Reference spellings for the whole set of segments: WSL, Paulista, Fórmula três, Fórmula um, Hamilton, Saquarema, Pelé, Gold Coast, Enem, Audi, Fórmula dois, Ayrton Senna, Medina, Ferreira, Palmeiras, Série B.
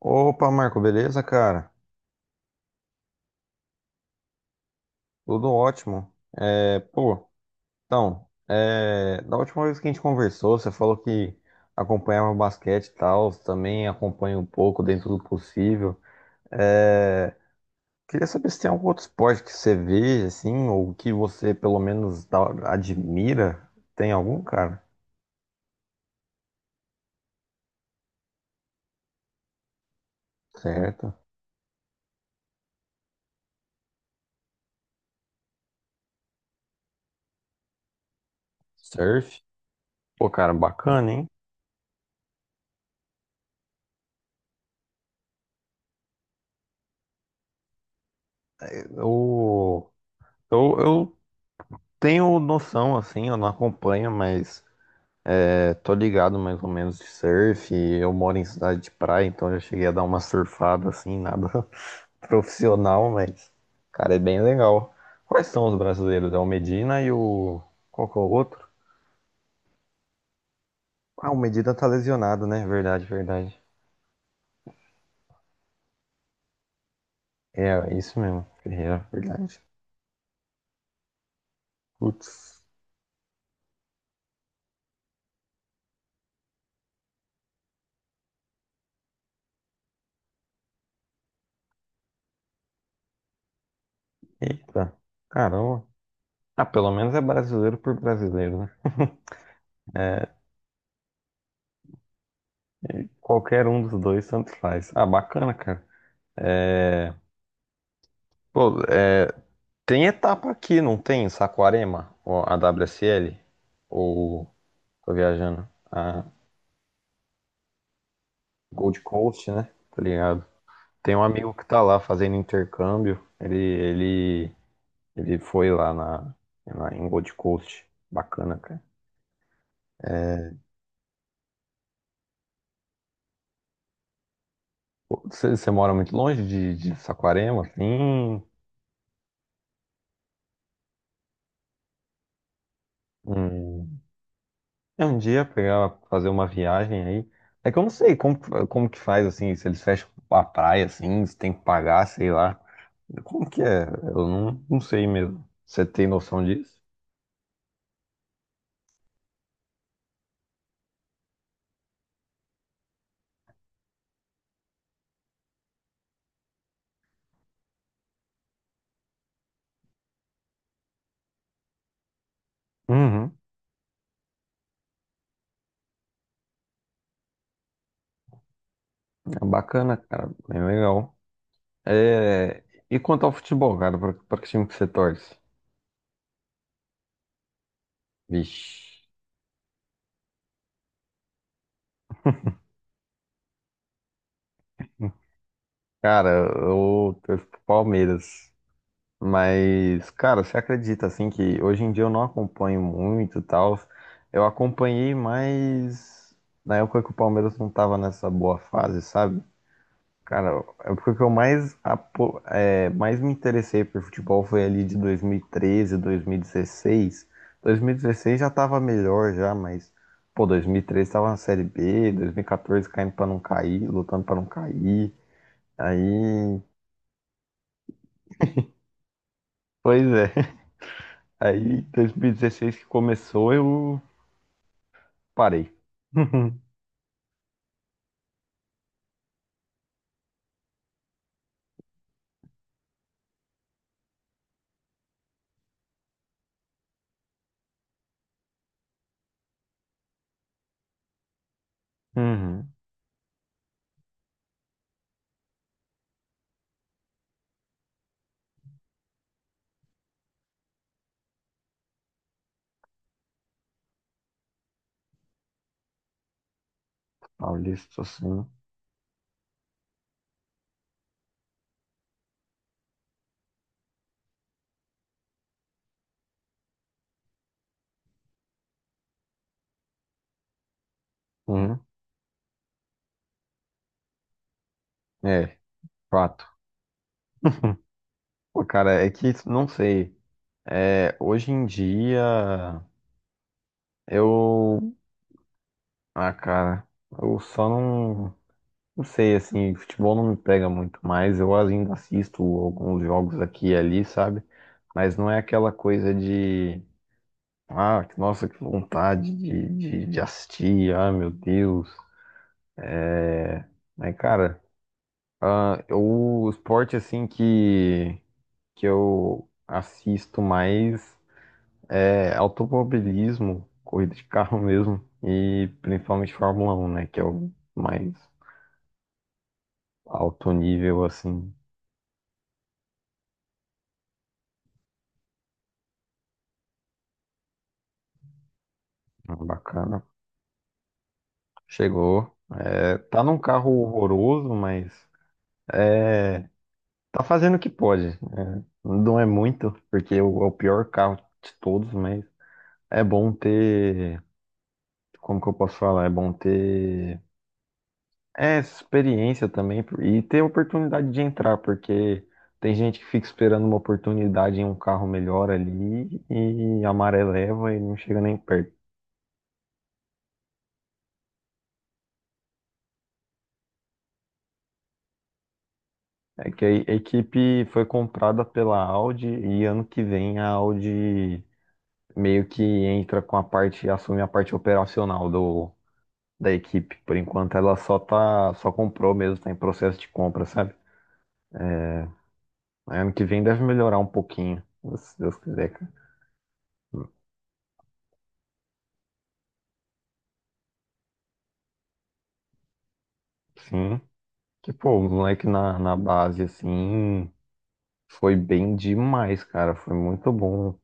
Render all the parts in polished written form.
Opa, Marco, beleza, cara? Tudo ótimo. É, pô, da última vez que a gente conversou, você falou que acompanhava o basquete e tal, também acompanha um pouco dentro do possível. É, queria saber se tem algum outro esporte que você vê, assim, ou que você pelo menos admira. Tem algum, cara? Certo. Surf. Pô, cara, bacana, hein? Eu, eu tenho noção, assim, eu não acompanho, mas. É, tô ligado mais ou menos de surf. Eu moro em cidade de praia, então já cheguei a dar uma surfada assim, nada profissional, mas, cara, é bem legal. Quais são os brasileiros? É o Medina e o. Qual que é o outro? Ah, o Medina tá lesionado, né? Verdade, verdade. É, isso mesmo, Ferreira, verdade. Putz, eita, caramba. Ah, pelo menos é brasileiro por brasileiro, né? É, qualquer um dos dois, tanto faz. Ah, bacana, cara. Pô, tem etapa aqui, não tem? Em Saquarema, ou a WSL, ou tô viajando, a Gold Coast, né? Tá ligado? Tem um amigo que tá lá fazendo intercâmbio, ele, ele foi lá em Gold Coast. Bacana, cara. Pô, você mora muito longe de Saquarema, assim? Hum. É um dia pegar, fazer uma viagem aí. É que eu não sei como, como que faz, assim, se eles fecham a praia, assim, se tem que pagar, sei lá. Como que é? Eu não, não sei mesmo. Você tem noção disso? Uhum. É bacana, cara. Bem legal. É... E quanto ao futebol, cara? Pra que time que você torce? Vixe. Cara, eu torço pro Palmeiras. Mas, cara, você acredita, assim, que hoje em dia eu não acompanho muito e tal. Eu acompanhei mais na época que o Palmeiras não tava nessa boa fase, sabe? Cara, a época que eu mais, mais me interessei por futebol foi ali de 2013, 2016. 2016 já tava melhor já, mas, pô, 2013 tava na Série B, 2014 caindo pra não cair, lutando pra não cair. Aí, pois é, aí 2016 que começou eu parei. Uhum. Paulista, sim. Uhum. É, fato. Pô, cara, é que não sei. É, hoje em dia. Eu. Ah, cara. Eu só não. Não sei, assim, futebol não me pega muito mais. Eu ainda assisto alguns jogos aqui e ali, sabe? Mas não é aquela coisa de. Ah, nossa, que vontade de assistir. Ah, meu Deus. Mas, cara, ah, eu- o esporte, assim, que eu assisto mais é automobilismo, corrida de carro mesmo. E principalmente Fórmula 1, né? Que é o mais alto nível, assim, bacana. Chegou. É, tá num carro horroroso, mas tá fazendo o que pode. É, não é muito, porque é o pior carro de todos, mas é bom ter. Como que eu posso falar? É bom ter. É, experiência também e ter oportunidade de entrar, porque tem gente que fica esperando uma oportunidade em um carro melhor ali e a maré leva e não chega nem perto. É que a equipe foi comprada pela Audi e ano que vem a Audi meio que entra com a parte, assume a parte operacional da equipe. Por enquanto ela só tá, só comprou mesmo, tá em processo de compra, sabe? Aí ano que vem deve melhorar um pouquinho, se Deus quiser, cara. Sim. Que pô, o moleque na base, assim, foi bem demais, cara. Foi muito bom.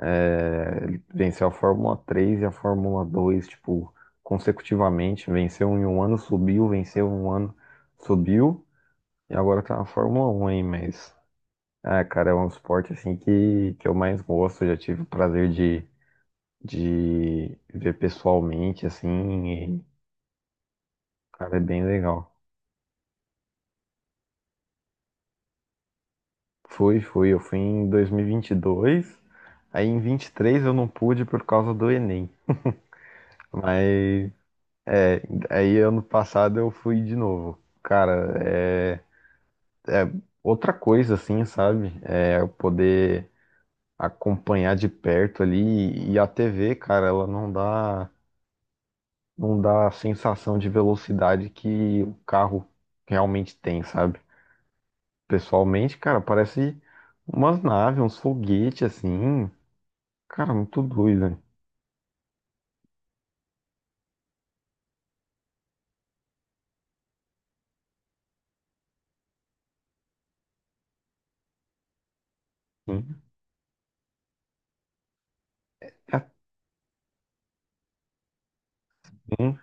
É, ele venceu a Fórmula 3 e a Fórmula 2, tipo, consecutivamente. Venceu em um ano, subiu, venceu em um ano, subiu. E agora tá na Fórmula 1 aí, mas. Ah, cara, é um esporte assim que eu mais gosto. Eu já tive o prazer de ver pessoalmente, assim, e, cara, é bem legal. Fui, fui. Eu fui em 2022, aí em 23 eu não pude por causa do Enem. Mas é, aí ano passado eu fui de novo. Cara, é outra coisa assim, sabe? É eu poder acompanhar de perto ali e a TV, cara, ela não dá não dá a sensação de velocidade que o carro realmente tem, sabe? Pessoalmente, cara, parece umas naves, uns foguetes assim. Cara, muito doido, né? Sim, é assim.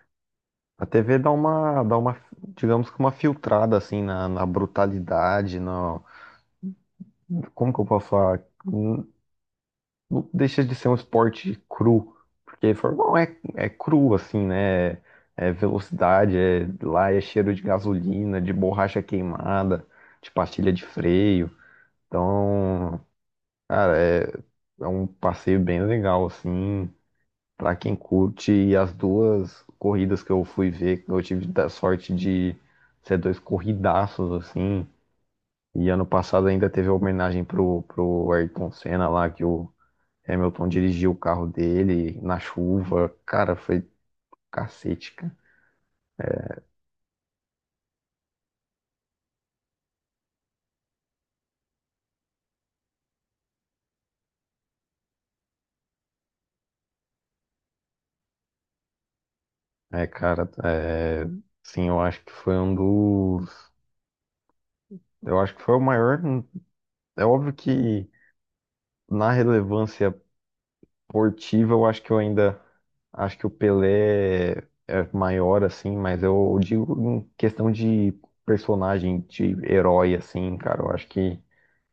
A TV dá uma digamos que uma filtrada assim na brutalidade, na. Como que eu posso falar? Não deixa de ser um esporte cru, porque formal é cru, assim, né? É velocidade, é, lá é cheiro de gasolina, de borracha queimada, de pastilha de freio. Então, cara, é um passeio bem legal, assim, pra quem curte. E as duas corridas que eu fui ver, eu tive da sorte de ser dois corridaços, assim. E ano passado ainda teve a homenagem pro Ayrton Senna lá, que o Hamilton dirigiu o carro dele na chuva. Cara, foi cacete, cara. É, cara, é, sim, eu acho que foi um dos. Eu acho que foi o maior. É óbvio que na relevância esportiva, eu acho que eu ainda. Acho que o Pelé é maior, assim, mas eu digo em questão de personagem, de herói, assim, cara. Eu acho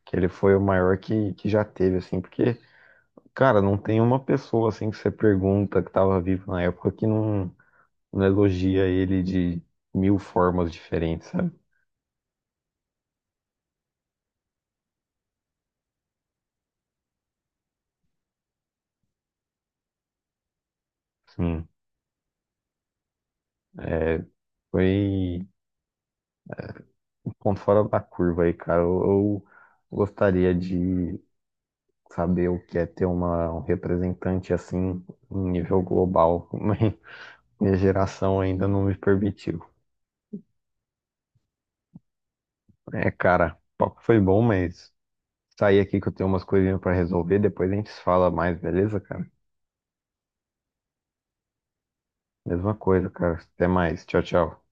que ele foi o maior que já teve, assim, porque. Cara, não tem uma pessoa assim que você pergunta que tava vivo na época que não elogia ele de mil formas diferentes, sabe? Sim, foi um ponto fora da curva aí, cara. Eu gostaria de saber o que é ter uma, um representante assim em nível global. Mas minha geração ainda não me permitiu. É, cara, o papo foi bom, mas sair aqui que eu tenho umas coisinhas pra resolver, depois a gente se fala mais, beleza, cara? Mesma coisa, cara. Até mais. Tchau, tchau.